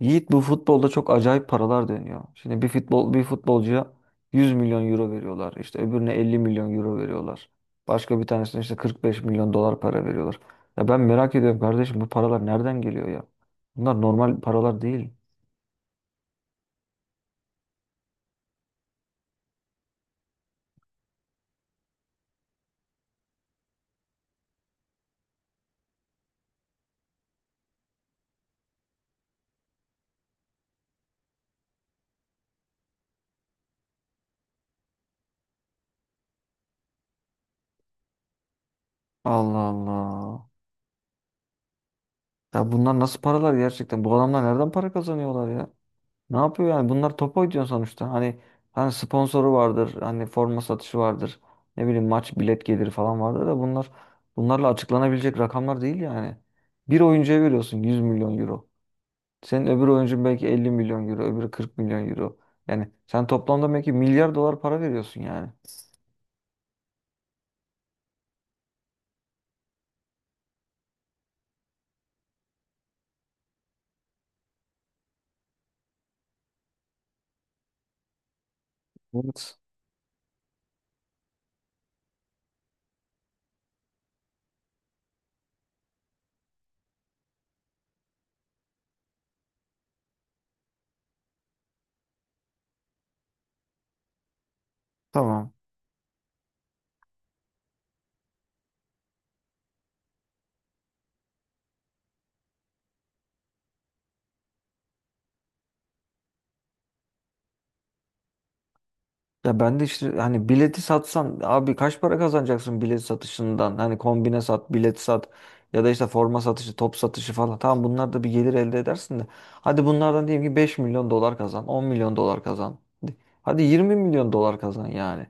Yiğit, bu futbolda çok acayip paralar dönüyor. Şimdi bir futbolcuya 100 milyon euro veriyorlar. İşte öbürüne 50 milyon euro veriyorlar. Başka bir tanesine işte 45 milyon dolar para veriyorlar. Ya ben merak ediyorum kardeşim, bu paralar nereden geliyor ya? Bunlar normal paralar değil. Allah Allah. Ya bunlar nasıl paralar gerçekten? Bu adamlar nereden para kazanıyorlar ya? Ne yapıyor yani? Bunlar top oynuyor sonuçta. Hani sponsoru vardır, hani forma satışı vardır. Ne bileyim maç bilet geliri falan vardır da bunlarla açıklanabilecek rakamlar değil yani. Bir oyuncuya veriyorsun 100 milyon euro. Senin öbür oyuncun belki 50 milyon euro, öbürü 40 milyon euro. Yani sen toplamda belki milyar dolar para veriyorsun yani. Evet. Tamam. Ya ben de işte hani bileti satsan abi kaç para kazanacaksın bilet satışından? Hani kombine sat, bilet sat ya da işte forma satışı, top satışı falan. Tamam, bunlar da bir gelir elde edersin de. Hadi bunlardan diyelim ki 5 milyon dolar kazan, 10 milyon dolar kazan. Hadi 20 milyon dolar kazan yani.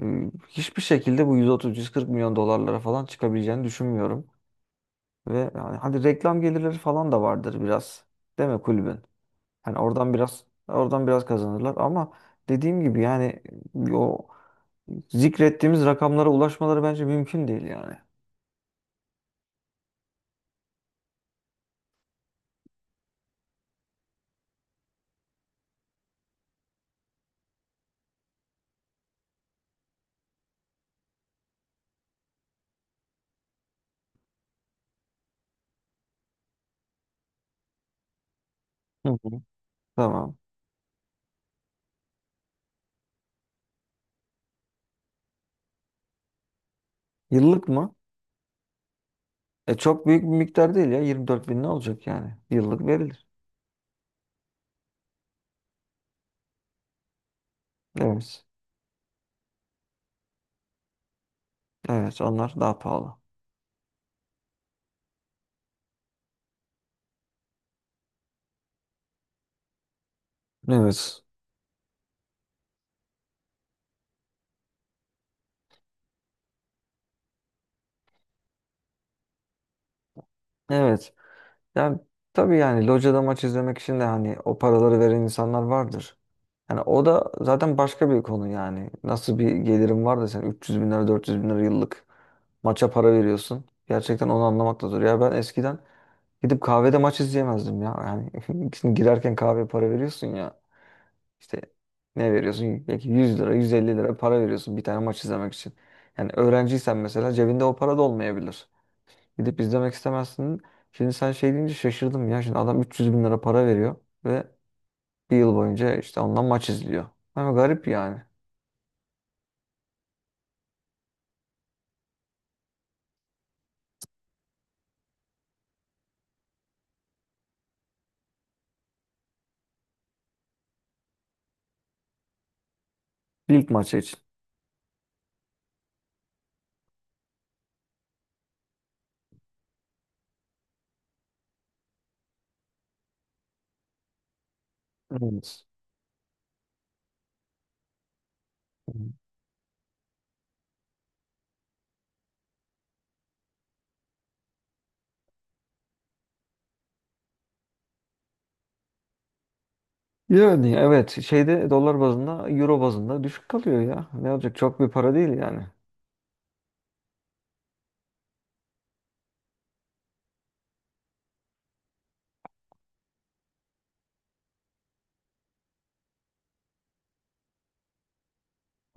Hiçbir şekilde bu 130-140 milyon dolarlara falan çıkabileceğini düşünmüyorum. Ve yani hadi reklam gelirleri falan da vardır biraz. Değil mi kulübün? Oradan biraz kazanırlar ama dediğim gibi yani o zikrettiğimiz rakamlara ulaşmaları bence mümkün değil yani. Hı hı. Tamam. Yıllık mı? E çok büyük bir miktar değil ya. 24 bin ne olacak yani? Yıllık verilir. Evet. Evet, onlar daha pahalı. Evet. Evet. Ya tabii, yani locada maç izlemek için de hani o paraları veren insanlar vardır. Yani o da zaten başka bir konu yani. Nasıl bir gelirim var da sen 300 bin lira 400 bin lira yıllık maça para veriyorsun? Gerçekten onu anlamak da zor. Ya ben eskiden gidip kahvede maç izleyemezdim ya. Yani şimdi girerken kahveye para veriyorsun ya. İşte ne veriyorsun? Belki 100 lira 150 lira para veriyorsun bir tane maç izlemek için. Yani öğrenciysen mesela cebinde o para da olmayabilir. Gidip izlemek istemezsin. Şimdi sen şey deyince şaşırdım ya. Şimdi adam 300 bin lira para veriyor ve bir yıl boyunca işte ondan maç izliyor. Ama garip yani. Lig maçı için. Evet. Yani evet, şeyde dolar bazında euro bazında düşük kalıyor ya. Ne olacak, çok bir para değil yani.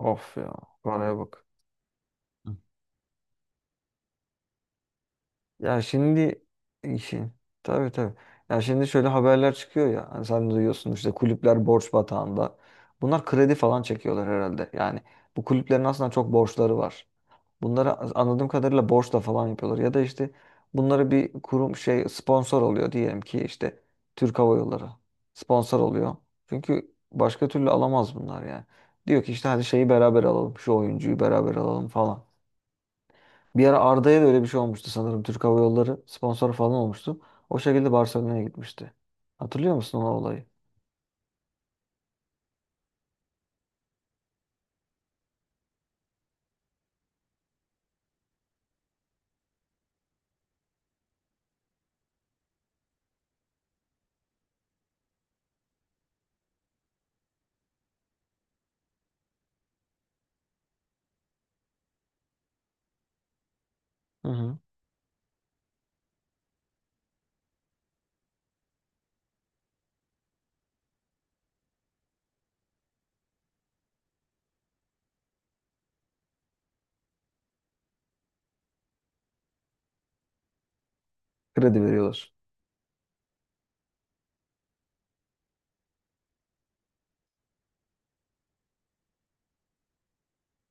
Of ya, paraya bak. Ya şimdi işin tabii tabii. Ya şimdi şöyle haberler çıkıyor ya. Hani sen de duyuyorsun, işte kulüpler borç batağında. Bunlar kredi falan çekiyorlar herhalde. Yani bu kulüplerin aslında çok borçları var. Bunları anladığım kadarıyla borçla falan yapıyorlar. Ya da işte bunları bir kurum şey sponsor oluyor diyelim ki işte Türk Hava Yolları sponsor oluyor. Çünkü başka türlü alamaz bunlar yani. Diyor ki işte hadi şeyi beraber alalım, şu oyuncuyu beraber alalım falan. Bir ara Arda'ya da öyle bir şey olmuştu sanırım. Türk Hava Yolları sponsor falan olmuştu. O şekilde Barcelona'ya gitmişti. Hatırlıyor musun o olayı? Hı hı. Kredi veriyorlar.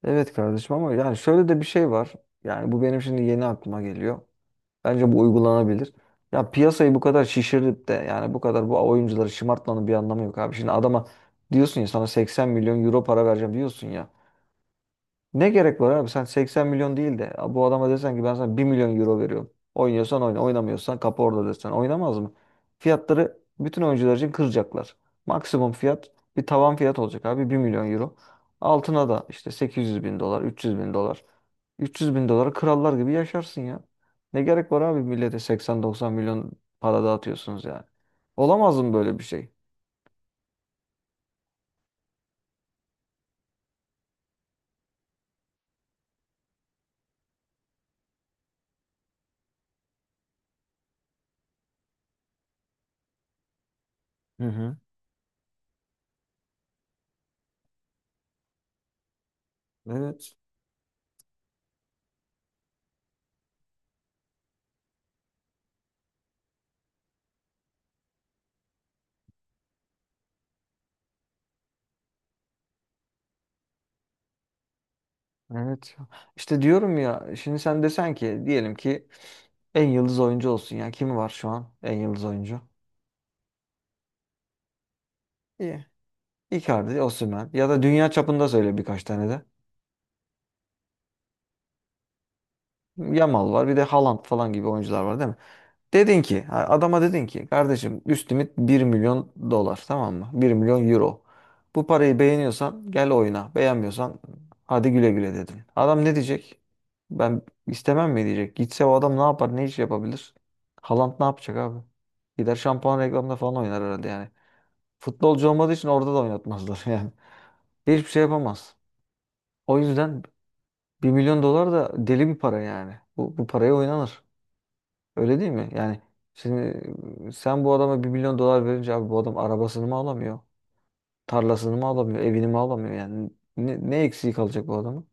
Evet kardeşim, ama yani şöyle de bir şey var. Yani bu benim şimdi yeni aklıma geliyor. Bence bu uygulanabilir. Ya piyasayı bu kadar şişirip de yani bu kadar bu oyuncuları şımartmanın bir anlamı yok abi. Şimdi adama diyorsun ya sana 80 milyon euro para vereceğim diyorsun ya. Ne gerek var abi? Sen 80 milyon değil de bu adama desen ki ben sana bir milyon euro veriyorum. Oynuyorsan oyna, oynamıyorsan kapı orada desen. Oynamaz mı? Fiyatları bütün oyuncular için kıracaklar. Maksimum fiyat, bir tavan fiyat olacak abi, bir milyon euro. Altına da işte 800 bin dolar, 300 bin dolar. 300 bin dolara krallar gibi yaşarsın ya. Ne gerek var abi millete 80-90 milyon para dağıtıyorsunuz yani. Olamaz mı böyle bir şey? Hı hı. Evet. Evet. İşte diyorum ya şimdi sen desen ki diyelim ki en yıldız oyuncu olsun ya. Kim var şu an en yıldız oyuncu? İyi. Icardi, Osimhen ya da dünya çapında söyle birkaç tane de. Yamal var, bir de Haaland falan gibi oyuncular var değil mi? Dedin ki ha, adama dedin ki kardeşim üst limit bir milyon dolar, tamam mı? Bir milyon euro. Bu parayı beğeniyorsan gel oyna. Beğenmiyorsan hadi güle güle dedin. Adam ne diyecek? Ben istemem mi diyecek? Gitse o adam ne yapar? Ne iş yapabilir? Haaland ne yapacak abi? Gider şampuan reklamında falan oynar herhalde yani. Futbolcu olmadığı için orada da oynatmazlar yani. Hiçbir şey yapamaz. O yüzden bir milyon dolar da deli bir para yani. Bu paraya oynanır. Öyle değil mi? Yani şimdi sen bu adama bir milyon dolar verince abi bu adam arabasını mı alamıyor? Tarlasını mı alamıyor? Evini mi alamıyor? Yani ne eksiği kalacak bu adamın?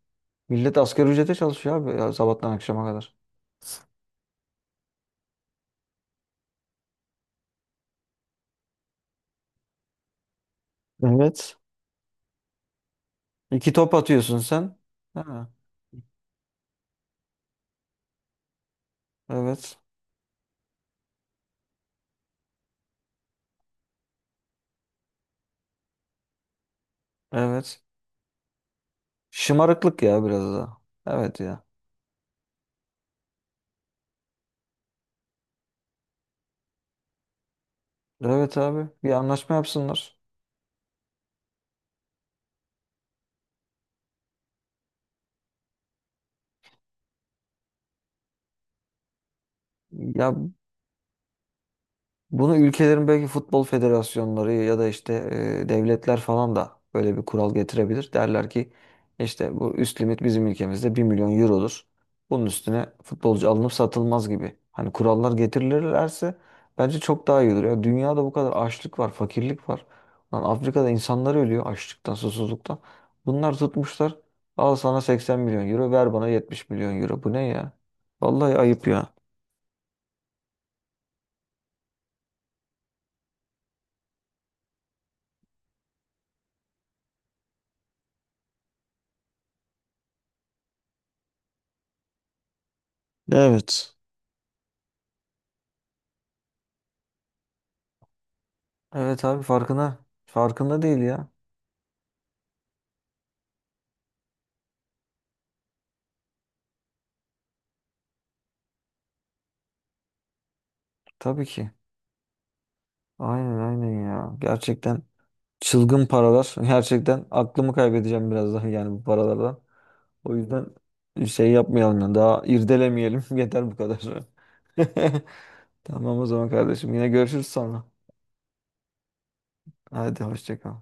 Millet asgari ücrete çalışıyor abi ya, sabahtan akşama kadar. Evet. İki top atıyorsun sen. Ha, evet. Evet. Şımarıklık ya biraz da. Evet ya. Evet abi. Bir anlaşma yapsınlar. Ya bunu ülkelerin belki futbol federasyonları ya da işte devletler falan da böyle bir kural getirebilir. Derler ki işte bu üst limit bizim ülkemizde bir milyon eurodur. Bunun üstüne futbolcu alınıp satılmaz gibi. Hani kurallar getirilirlerse bence çok daha iyi olur. Ya dünyada bu kadar açlık var, fakirlik var. Lan Afrika'da insanlar ölüyor açlıktan, susuzluktan. Bunlar tutmuşlar. Al sana 80 milyon euro, ver bana 70 milyon euro. Bu ne ya? Vallahi ayıp ya. Evet. Evet abi, farkında değil ya. Tabii ki. Aynen aynen ya. Gerçekten çılgın paralar. Gerçekten aklımı kaybedeceğim biraz daha yani bu paralardan. O yüzden şey yapmayalım yani, daha irdelemeyelim. Yeter bu kadar. Tamam o zaman kardeşim, yine görüşürüz sonra. Hadi hoşça kal.